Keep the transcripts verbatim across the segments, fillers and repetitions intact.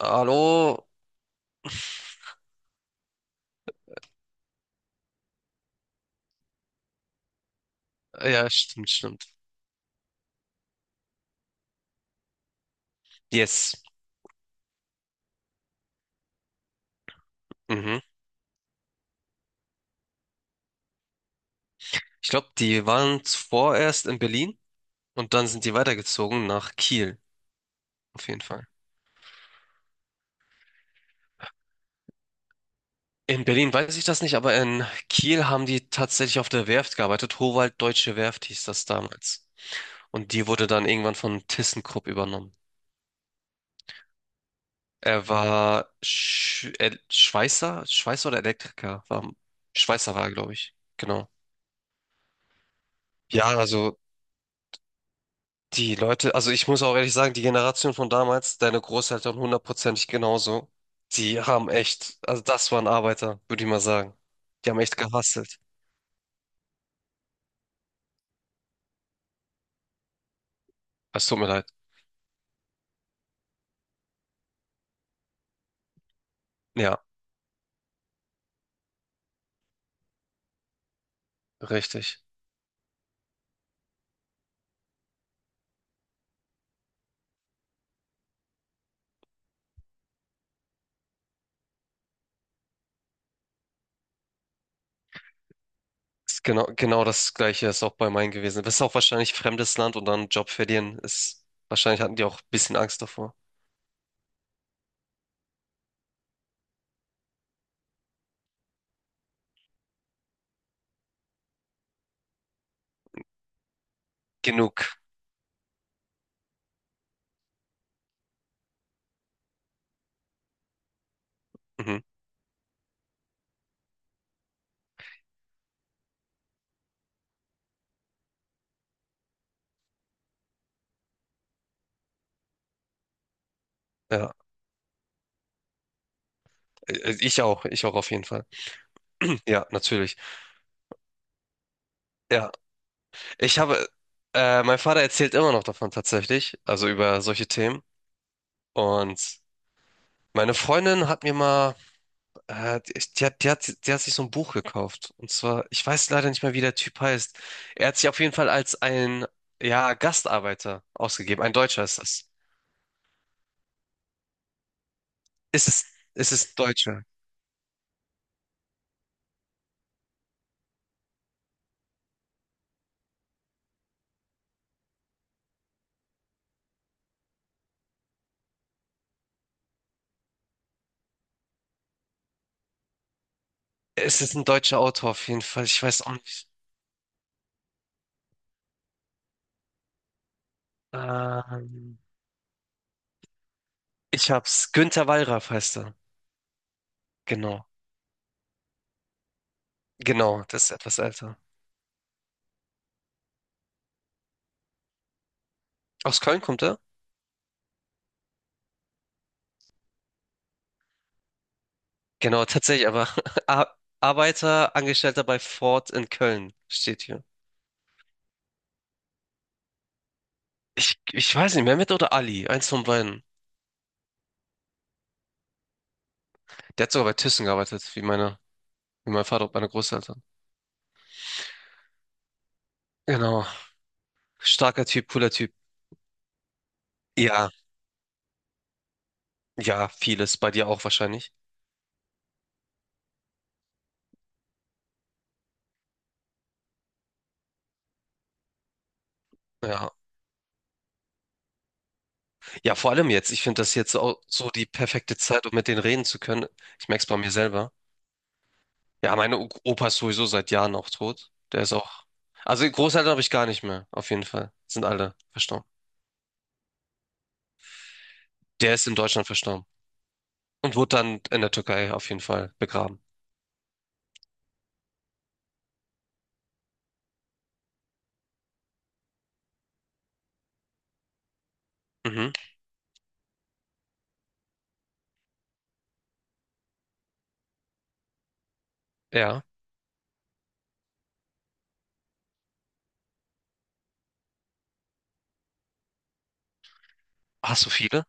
Hallo? Äh, Ja, stimmt, stimmt. Yes. Mhm. Ich glaube, die waren zuvor erst in Berlin und dann sind die weitergezogen nach Kiel. Auf jeden Fall. In Berlin weiß ich das nicht, aber in Kiel haben die tatsächlich auf der Werft gearbeitet. Howald Deutsche Werft hieß das damals. Und die wurde dann irgendwann von ThyssenKrupp übernommen. Er war Sch El- Schweißer, Schweißer oder Elektriker. War, Schweißer war er, glaube ich. Genau. Ja, also die Leute, also ich muss auch ehrlich sagen, die Generation von damals, deine Großeltern hundertprozentig genauso, die haben echt, also das waren Arbeiter, würde ich mal sagen. Die haben echt gehustelt. Es tut mir leid. Ja, richtig. Ist Genau, genau das Gleiche ist auch bei meinen gewesen. Das ist auch wahrscheinlich fremdes Land und dann Job verlieren ist, wahrscheinlich hatten die auch ein bisschen Angst davor. Genug. Mhm. Ja, Äh, ich auch, ich auch auf jeden Fall. Ja, natürlich. Ja, ich habe, äh, mein Vater erzählt immer noch davon tatsächlich, also über solche Themen. Und meine Freundin hat mir mal, äh, die, die hat, die hat, die hat sich so ein Buch gekauft. Und zwar, ich weiß leider nicht mehr, wie der Typ heißt. Er hat sich auf jeden Fall als ein, ja, Gastarbeiter ausgegeben. Ein Deutscher ist das. Ist es, ist es Deutscher? Es ist ein deutscher Autor auf jeden Fall. Ich weiß auch nicht. Ähm, ich hab's. Günter Wallraff heißt er. Genau. Genau, das ist etwas älter. Aus Köln kommt er? Genau, tatsächlich, aber Ar- Arbeiter, Angestellter bei Ford in Köln steht hier. Ich, ich weiß nicht, Mehmet oder Ali, eins von beiden. Der hat sogar bei Thyssen gearbeitet, wie meine, wie mein Vater und meine Großeltern. Genau. Starker Typ, cooler Typ. Ja, ja, vieles. Bei dir auch wahrscheinlich. Ja. Ja, vor allem jetzt. Ich finde das jetzt auch so die perfekte Zeit, um mit denen reden zu können. Ich merke es bei mir selber. Ja, meine O- Opa ist sowieso seit Jahren auch tot. Der ist auch. Also Großeltern habe ich gar nicht mehr, auf jeden Fall. Sind alle verstorben. Der ist in Deutschland verstorben. Und wurde dann in der Türkei auf jeden Fall begraben. Mhm. Ja. Hast du viele?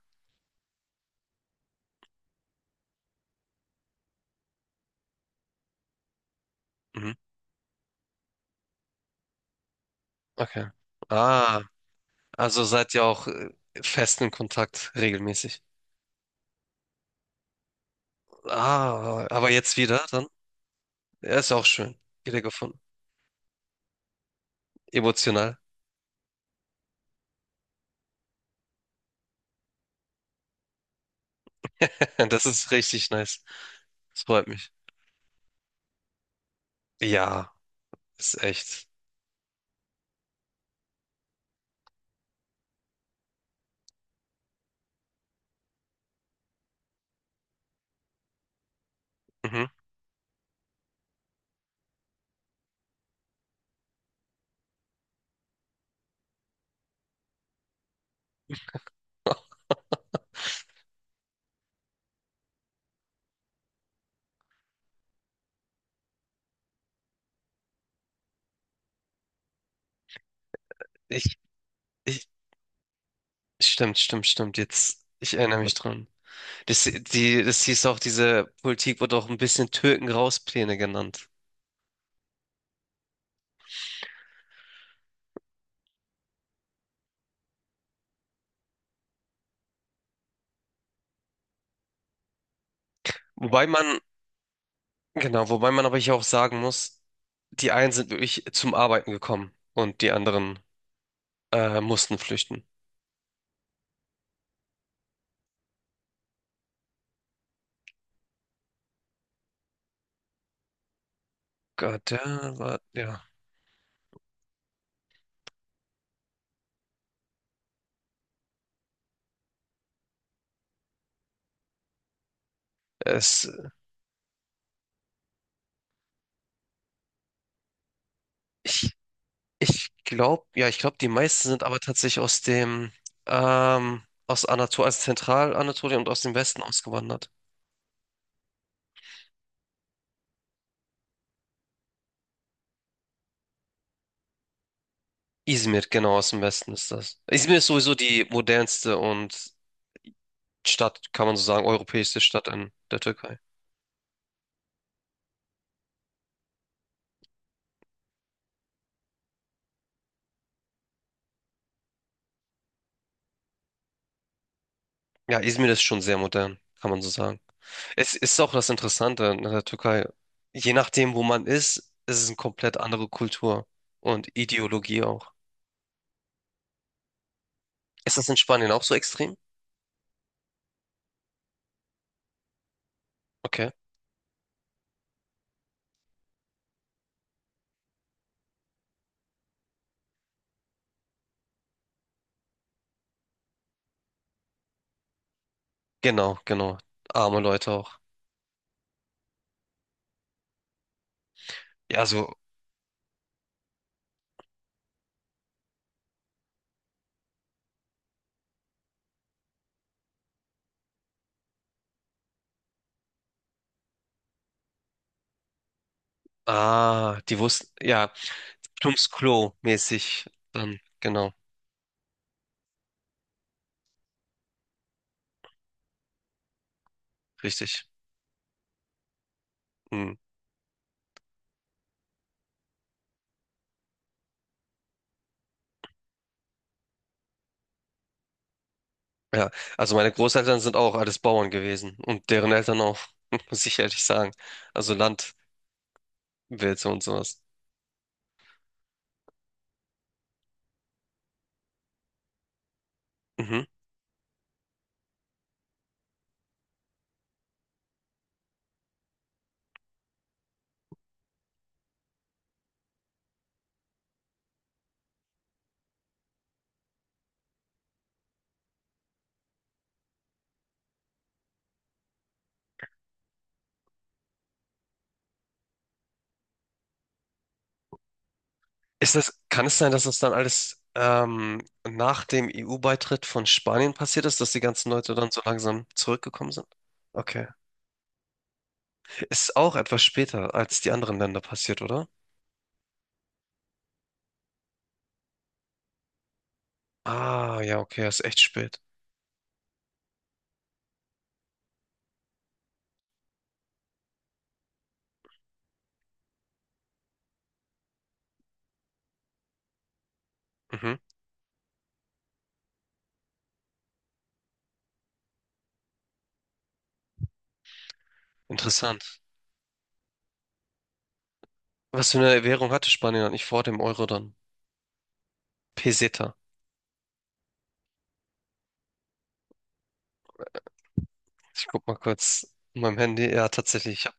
Mhm. Okay. Ah, also seid ihr auch äh, fest in Kontakt, regelmäßig. Ah, aber jetzt wieder dann? Ja, ist auch schön. Wieder gefunden. Emotional. Das ist richtig nice. Das freut mich. Ja, ist echt. Mhm. Ich, ich, stimmt, stimmt, stimmt. Jetzt, ich erinnere mich dran. Das, die, das hieß auch, diese Politik wurde auch ein bisschen Türken-Raus-Pläne genannt. Wobei man, genau, wobei man aber hier auch sagen muss, die einen sind wirklich zum Arbeiten gekommen und die anderen Äh, mussten flüchten. Gott, der war, ja. Es glaubt, ja, ich glaube, die meisten sind aber tatsächlich aus dem, ähm, aus Anatolien, also Zentralanatolien und aus dem Westen ausgewandert. Izmir, genau, aus dem Westen ist das. Izmir ist sowieso die modernste und Stadt, kann man so sagen, europäischste Stadt in der Türkei. Ja, Izmir ist schon sehr modern, kann man so sagen. Es ist auch das Interessante in der Türkei. Je nachdem, wo man ist, ist es eine komplett andere Kultur und Ideologie auch. Ist das in Spanien auch so extrem? Okay. Genau, genau. Arme Leute auch. Ja, so, ah, die wussten, ja, Tums Klo mäßig dann, genau, richtig. Hm. Ja, also meine Großeltern sind auch alles Bauern gewesen und deren Eltern auch, muss ich ehrlich sagen. Also Landwirte und sowas. Mhm. Ist das, kann es sein, dass das dann alles ähm, nach dem E U-Beitritt von Spanien passiert ist, dass die ganzen Leute dann so langsam zurückgekommen sind? Okay. Ist auch etwas später als die anderen Länder passiert, oder? Ah, ja, okay, das ist echt spät. Mhm. Interessant. Was für eine Währung hatte Spanien eigentlich vor dem Euro dann? Peseta. Ich guck mal kurz in meinem Handy. Ja, tatsächlich. Ich hab,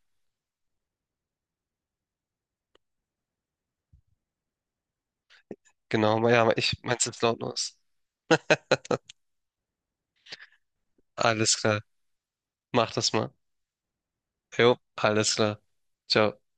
genau, ma- ja, ich mein's jetzt lautlos. Alles klar. Mach das mal. Jo, alles klar. Ciao.